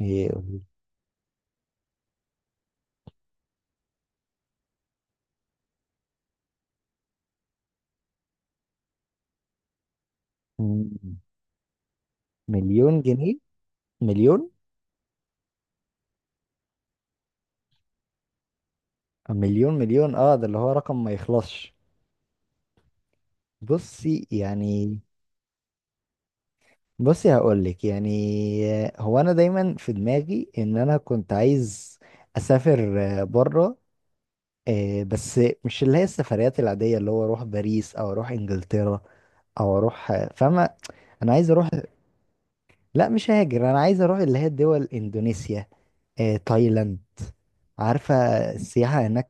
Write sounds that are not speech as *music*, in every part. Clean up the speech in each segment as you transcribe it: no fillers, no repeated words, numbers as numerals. إيه، مم، مليون جنيه. مليون مليون مليون اه، ده اللي هو رقم ما يخلصش. بصي يعني، بصي هقول لك يعني. هو انا دايما في دماغي ان انا كنت عايز اسافر بره بس مش اللي هي السفريات العاديه اللي هو اروح باريس او اروح انجلترا او اروح فاهمه. انا عايز اروح. لا، مش هاجر. انا عايز اروح اللي هي الدول اندونيسيا، تايلاند، عارفه؟ السياحه هناك.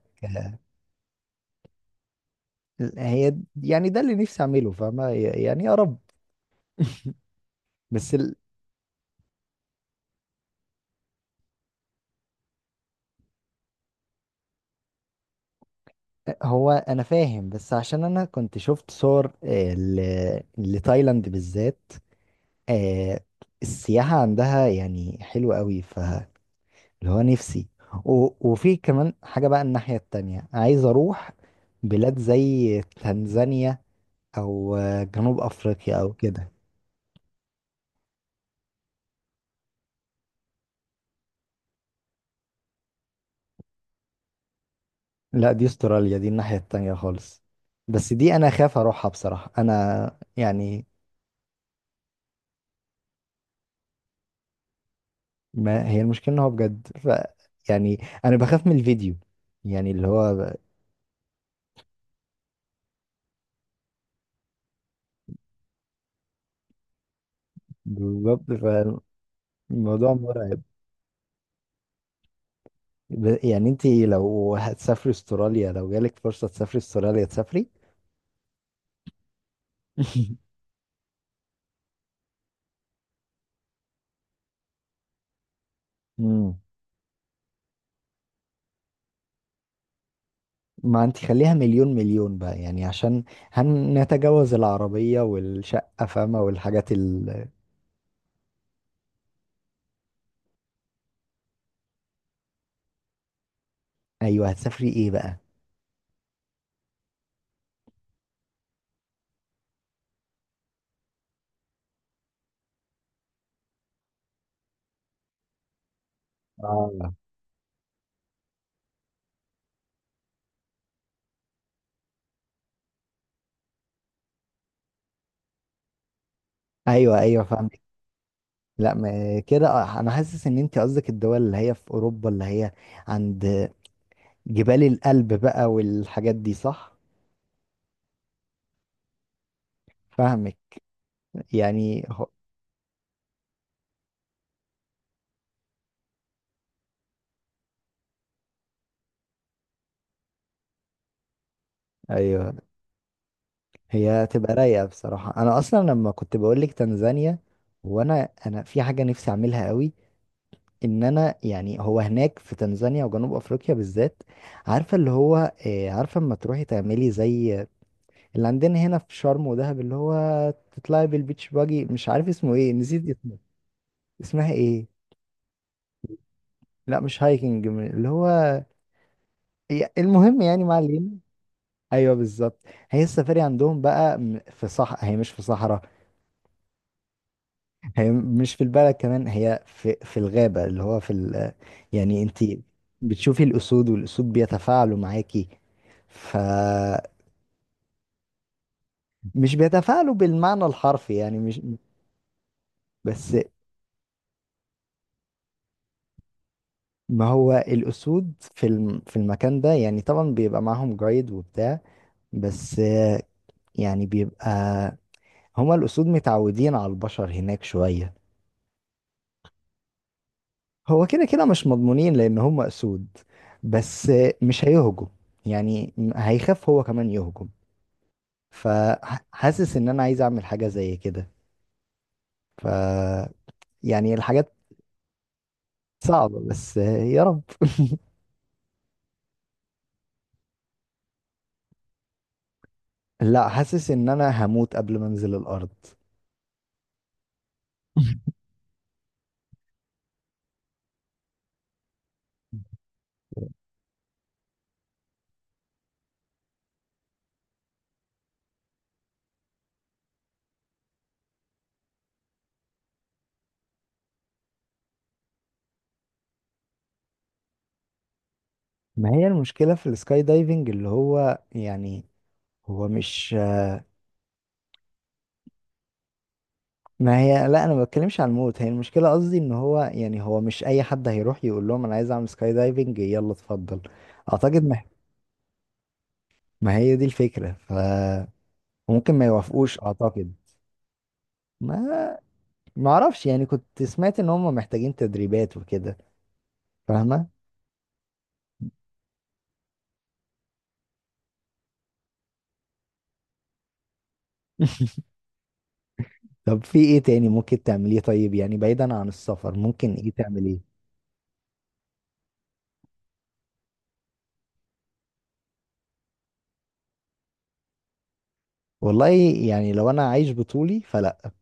هي يعني ده اللي نفسي اعمله، فاهمة؟ يعني يا رب. بس ال... هو انا فاهم بس عشان انا كنت شفت صور لتايلاند بالذات. آه، السياحة عندها يعني حلوة قوي فاللي هو نفسي. وفي كمان حاجة بقى. الناحية التانية عايز اروح بلاد زي تنزانيا او جنوب افريقيا او كده. لا، دي استراليا، دي الناحية التانية خالص. بس دي انا خاف اروحها بصراحة. انا يعني، ما هي المشكلة ان هو بجد ف يعني انا بخاف من الفيديو، يعني اللي هو بالظبط. فالموضوع مرعب. يعني انت لو هتسافري استراليا، لو جالك فرصة تسافري استراليا تسافري. *laughs* مم. ما انت خليها مليون مليون بقى يعني عشان هنتجاوز العربية والشقة، فاهمة؟ والحاجات. ايوه، هتسافري ايه بقى؟ آه. ايوه ايوه فاهمك. لا ما كده، انا حاسس ان انت قصدك الدول اللي هي في اوروبا اللي هي عند جبال القلب بقى والحاجات دي، صح؟ فاهمك. يعني. ايوه، هي تبقى رايقه بصراحه. انا اصلا لما كنت بقول لك تنزانيا، وانا انا في حاجه نفسي اعملها قوي، ان انا يعني هو هناك في تنزانيا وجنوب افريقيا بالذات، عارفه اللي هو عارفه اما تروحي تعملي زي اللي عندنا هنا في شرم ودهب، اللي هو تطلعي بالبيتش باجي، مش عارف اسمه ايه، نسيت اسمه. اسمها ايه؟ لا مش هايكنج، اللي هو المهم يعني ما علينا. ايوه بالظبط. هي السفاري عندهم بقى في، صح، هي مش في صحراء. هي مش في البلد كمان، هي في في الغابه اللي هو يعني انت بتشوفي الاسود، والاسود بيتفاعلوا معاكي. فمش بيتفاعلوا بالمعنى الحرفي يعني، مش بس. ما هو الاسود في في المكان ده يعني طبعا بيبقى معاهم جايد وبتاع، بس يعني بيبقى، هما الاسود متعودين على البشر هناك شويه. هو كده كده مش مضمونين لان هم اسود، بس مش هيهجم يعني. هيخاف هو كمان يهجم. فحاسس ان انا عايز اعمل حاجة زي كده. ف يعني الحاجات صعبة، بس يا رب. لا، حاسس ان انا هموت قبل ما انزل الارض. ما هي المشكلة في السكاي دايفنج اللي هو يعني، هو مش. ما هي لا، انا ما بتكلمش على الموت هي المشكلة. قصدي ان هو يعني هو مش اي حد هيروح يقول لهم انا عايز اعمل سكاي دايفنج يلا اتفضل. اعتقد ما هي دي الفكرة ف، وممكن ما يوافقوش اعتقد. ما ما اعرفش يعني، كنت سمعت ان هم محتاجين تدريبات وكده، فاهمة؟ طب في ايه تاني ممكن تعمليه؟ طيب يعني بعيدا عن السفر ممكن ايه تعمليه؟ والله يعني، لو انا عايش بطولي فلا،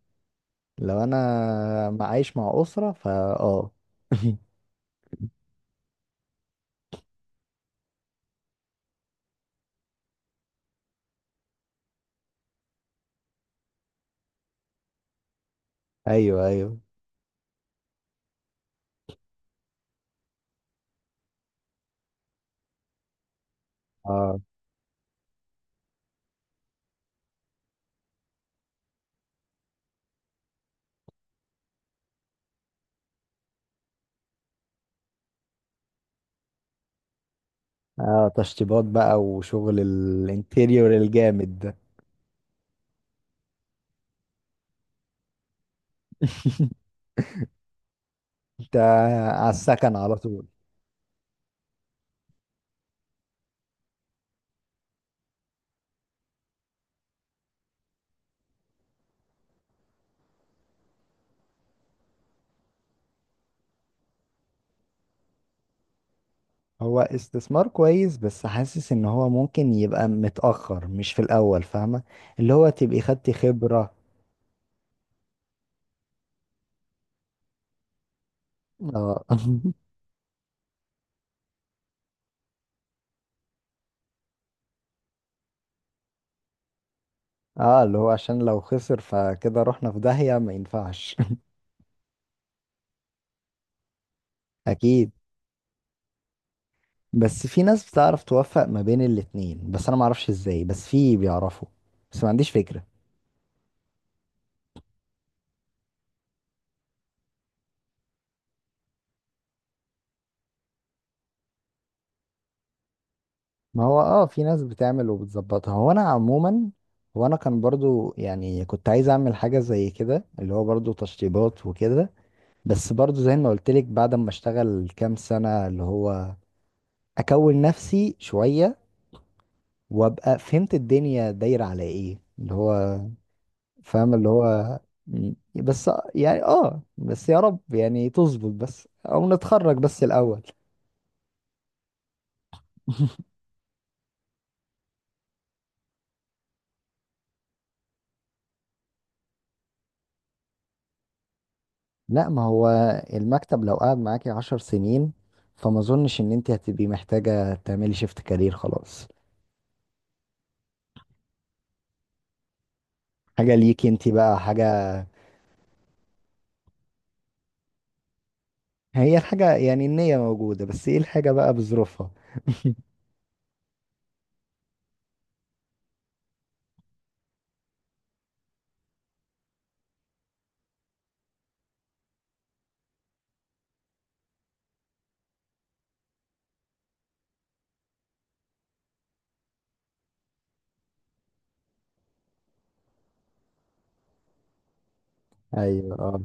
لو انا عايش مع اسرة فا اه. *laughs* ايوه ايوه. اه. اه، تشطيبات بقى وشغل الانتيريور الجامد ده. *laughs* انت على السكن على طول. هو استثمار كويس بس حاسس ان هو ممكن يبقى متأخر، مش في الاول، فاهمة؟ اللي هو تبقي خدتي خبرة. اه. *laughs* اه، اللي هو عشان لو خسر فكده رحنا في داهية، ما ينفعش. *laughs* اكيد. بس في ناس بتعرف توفق ما بين الاتنين، بس انا ما اعرفش ازاي، بس في بيعرفوا، بس ما عنديش فكرة. ما هو اه في ناس بتعمل وبتظبطها. هو انا عموما، هو انا كان برضو يعني كنت عايز اعمل حاجة زي كده اللي هو برضو تشطيبات وكده. بس برضو زي ما قلت لك بعد ما اشتغل كام سنة اللي هو اكون نفسي شوية، وابقى فهمت الدنيا دايرة على ايه، اللي هو فاهم اللي هو بس يعني اه، بس يا رب يعني تظبط، بس او نتخرج بس الاول. لا ما هو المكتب لو قعد معاكي 10 سنين، فما اظنش ان انت هتبقي محتاجة تعملي شيفت كارير خلاص. حاجة ليكي انت بقى حاجة. هي الحاجة يعني النية موجودة، بس ايه الحاجة بقى بظروفها. ايوه آه.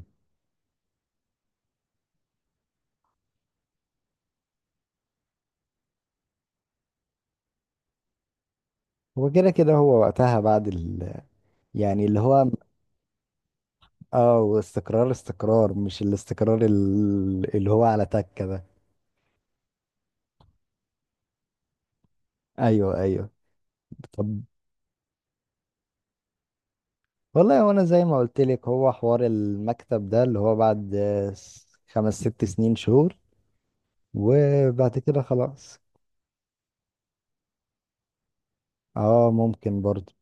هو كده كده هو وقتها بعد يعني اللي هو اه، واستقرار استقرار مش الاستقرار اللي هو على تكة ده. ايوه ايوه. طب والله وانا زي ما قلت لك، هو حوار المكتب ده اللي هو بعد 5 6 سنين شهور، وبعد كده خلاص. اه ممكن برضه.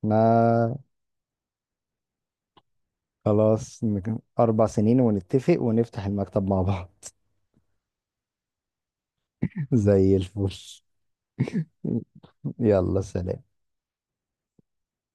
احنا خلاص 4 سنين ونتفق ونفتح المكتب مع بعض. *laughs* زي الفل. *laughs* يلا سلام.